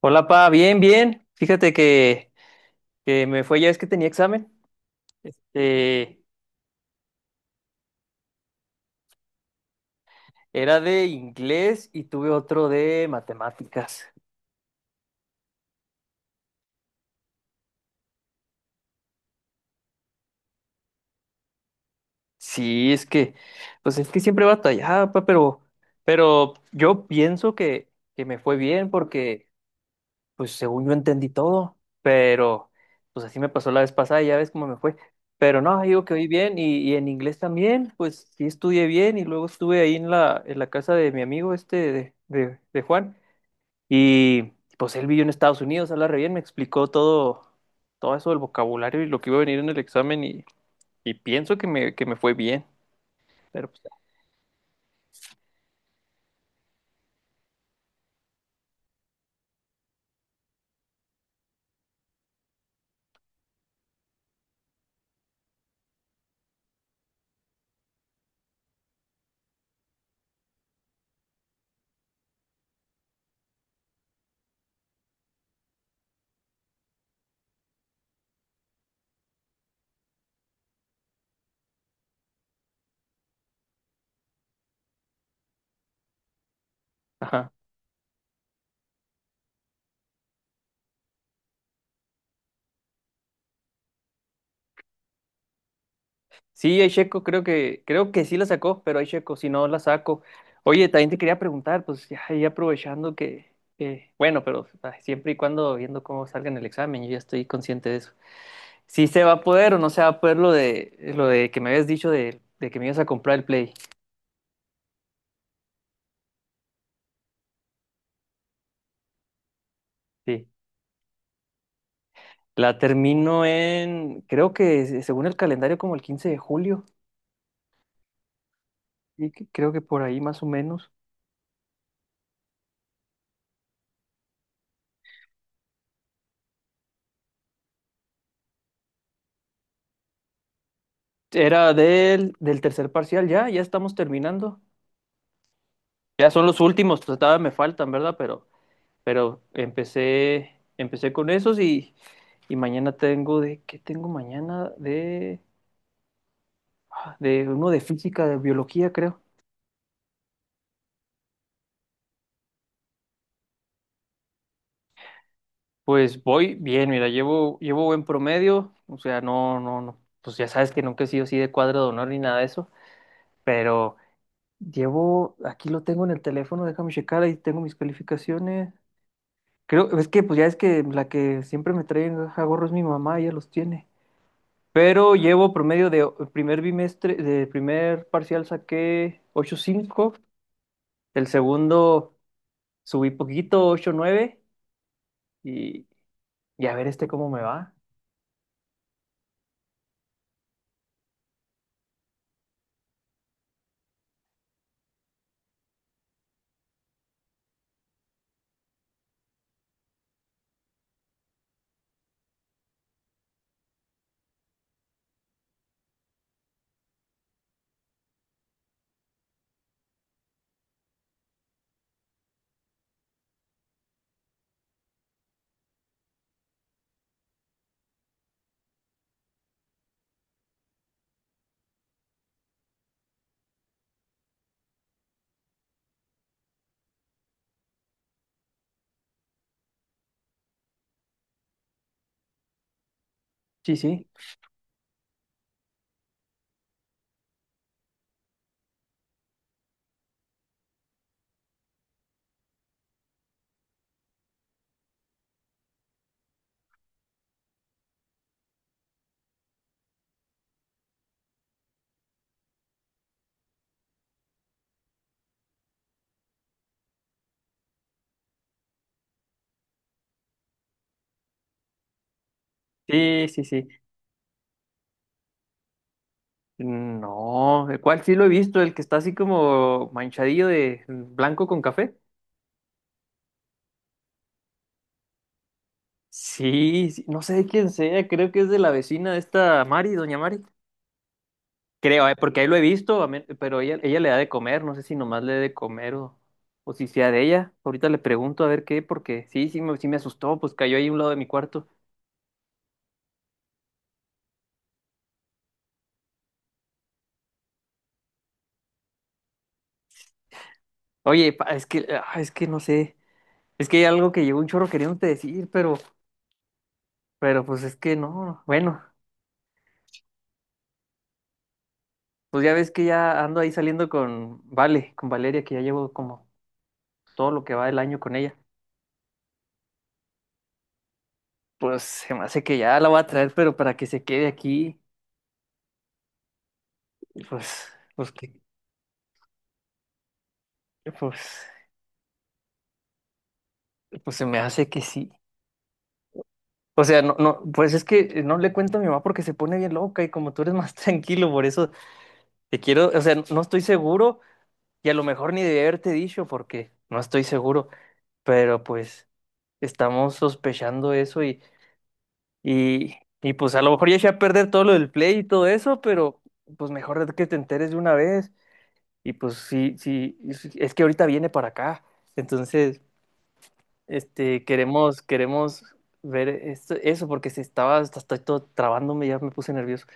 Hola, pa, bien, bien. Fíjate que me fue ya es que tenía examen. Este, era de inglés y tuve otro de matemáticas. Sí, pues es que siempre batallaba, pa, pero yo pienso que me fue bien porque, pues según yo entendí todo, pero pues así me pasó la vez pasada, ya ves cómo me fue. Pero no, digo que oí bien y en inglés también, pues sí estudié bien y luego estuve ahí en en la casa de mi amigo este de Juan. Y pues él vivió en Estados Unidos, habla re bien, me explicó todo, todo eso del vocabulario y lo que iba a venir en el examen, y pienso que que me fue bien. Pero pues, ajá. Sí, Checo creo que sí la sacó, pero Checo si no la saco. Oye, también te quería preguntar, pues ya, ya aprovechando bueno, pero ay, siempre y cuando viendo cómo salga en el examen, yo ya estoy consciente de eso. Si se va a poder o no se va a poder lo lo de que me habías dicho de que me ibas a comprar el Play. Sí. La termino en, creo que según el calendario, como el 15 de julio, creo que por ahí más o menos. Era del tercer parcial, ya, ya estamos terminando. Ya son los últimos, pues, todavía me faltan, ¿verdad? Pero, empecé con esos y mañana tengo de, ¿qué tengo mañana? De, ah, de uno de física, de biología, creo. Pues voy bien, mira, llevo buen promedio, o sea, no, pues ya sabes que nunca he sido así de cuadro de honor ni nada de eso, pero llevo, aquí lo tengo en el teléfono, déjame checar, ahí tengo mis calificaciones. Creo, es que pues ya es que la que siempre me trae a gorro es mi mamá, ella los tiene. Pero llevo promedio de el primer bimestre, de primer parcial saqué ocho punto cinco, el segundo subí poquito, 8.9 y, y a ver este cómo me va. Sí, sí, sí, sí, sí. No, el cual sí lo he visto, el que está así como manchadillo de blanco con café. Sí, sí, no sé de quién sea, creo que es de la vecina de esta Mari, doña Mari. Creo, porque ahí lo he visto, pero ella le da de comer, no sé si nomás le da de comer o si sea de ella. Ahorita le pregunto a ver qué, porque sí, sí me asustó, pues cayó ahí a un lado de mi cuarto. Oye, es que, ah, es que no sé, es que hay algo que llegó un chorro queriéndote decir, pero pues es que no, bueno, pues ya ves que ya ando ahí saliendo con Vale, con Valeria, que ya llevo como todo lo que va del año con ella. Pues se me hace que ya la voy a traer, pero para que se quede aquí, pues, pues que, pues, pues se me hace que sí. O sea, no, no, pues es que no le cuento a mi mamá porque se pone bien loca y como tú eres más tranquilo, por eso te quiero, o sea, no estoy seguro y a lo mejor ni de haberte dicho porque no estoy seguro, pero pues estamos sospechando eso y, y pues a lo mejor ya eché a perder todo lo del play y todo eso, pero pues mejor que te enteres de una vez. Y pues sí, sí, es que ahorita viene para acá. Entonces, este, queremos ver esto, eso, porque si estaba, hasta estoy todo trabándome, ya me puse nervioso.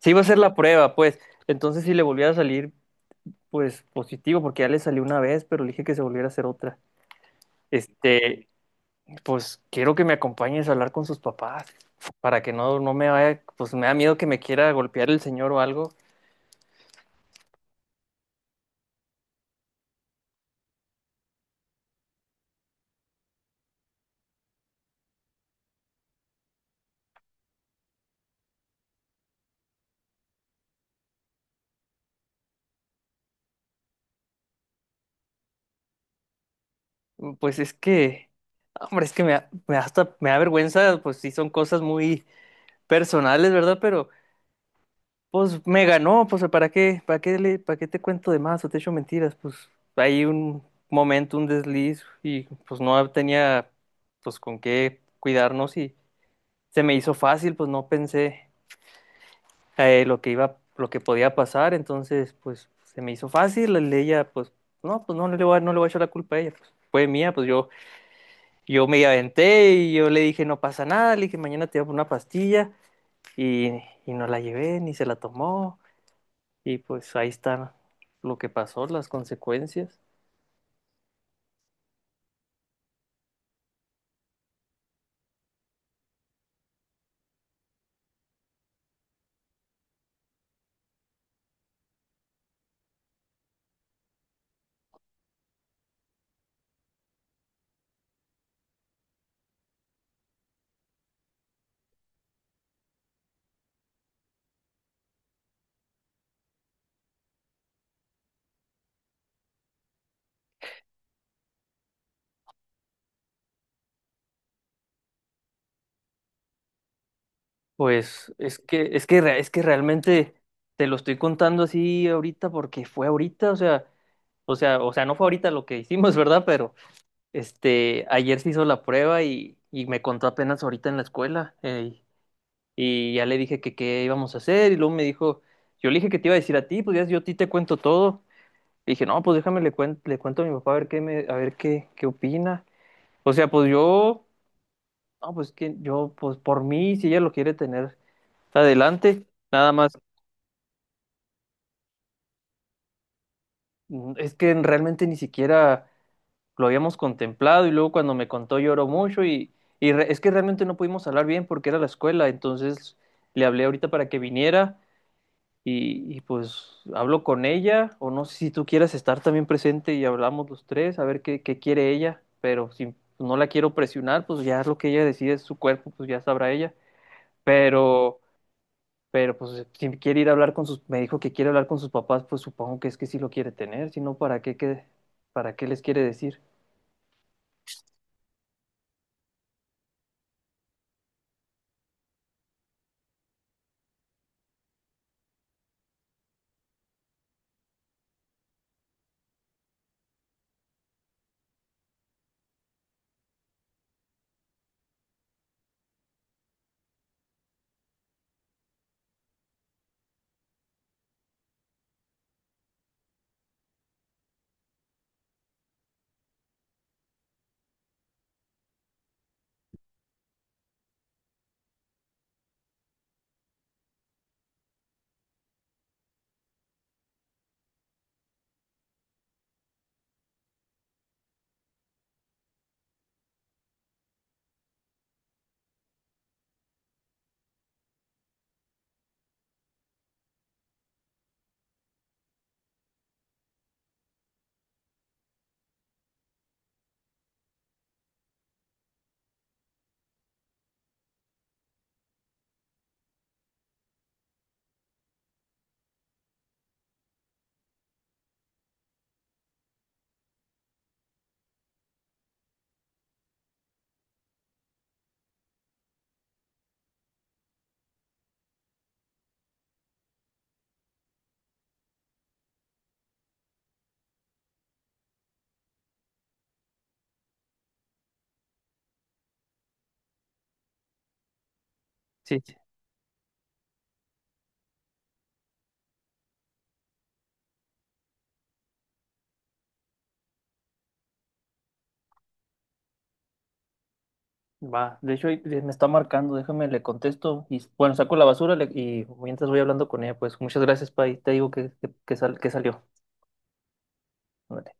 Sí iba a hacer la prueba, pues. Entonces, si le volviera a salir, pues positivo, porque ya le salió una vez, pero le dije que se volviera a hacer otra. Este, pues quiero que me acompañes a hablar con sus papás, para que no me vaya, pues me da miedo que me quiera golpear el señor o algo. Pues es que, hombre, es que me da hasta me da vergüenza, pues sí son cosas muy personales, ¿verdad? Pero pues me ganó, pues ¿para qué? ¿Para qué para qué te cuento de más o te echo mentiras? Pues hay un momento, un desliz y pues no tenía pues con qué cuidarnos y se me hizo fácil, pues no pensé lo que iba, lo que podía pasar, entonces pues se me hizo fácil, ella pues no le voy a, no le voy a echar la culpa a ella, pues fue mía, pues yo. Yo me aventé y yo le dije, no pasa nada, le dije, mañana te llevo una pastilla y, y no la llevé ni se la tomó y pues ahí está lo que pasó, las consecuencias. Pues es que realmente te lo estoy contando así ahorita porque fue ahorita, o sea, no fue ahorita lo que hicimos, ¿verdad? Pero este, ayer se hizo la prueba y me contó apenas ahorita en la escuela. Y ya le dije que qué íbamos a hacer y luego me dijo, yo le dije que te iba a decir a ti, pues ya yo a ti te cuento todo. Le dije, no, pues déjame le cuento a mi papá a ver qué me, a ver qué, qué opina. O sea, no, pues por mí, si ella lo quiere tener adelante, nada más, mm, es que realmente ni siquiera lo habíamos contemplado y luego cuando me contó lloró mucho y es que realmente no pudimos hablar bien porque era la escuela, entonces le hablé ahorita para que viniera y pues hablo con ella, o no sé si tú quieras estar también presente y hablamos los tres, a ver qué, qué quiere ella, pero si no la quiero presionar, pues ya es lo que ella decide, es su cuerpo, pues ya sabrá ella, pero, pero pues si quiere ir a hablar con sus, me dijo que quiere hablar con sus papás, pues supongo que es que sí lo quiere tener, si no, ¿para qué, qué, para qué les quiere decir? Sí, sí, va, de hecho ahí me está marcando, déjame, le contesto, y bueno, saco la basura y mientras voy hablando con ella, pues muchas gracias, Pai, te digo que que salió. Ándale.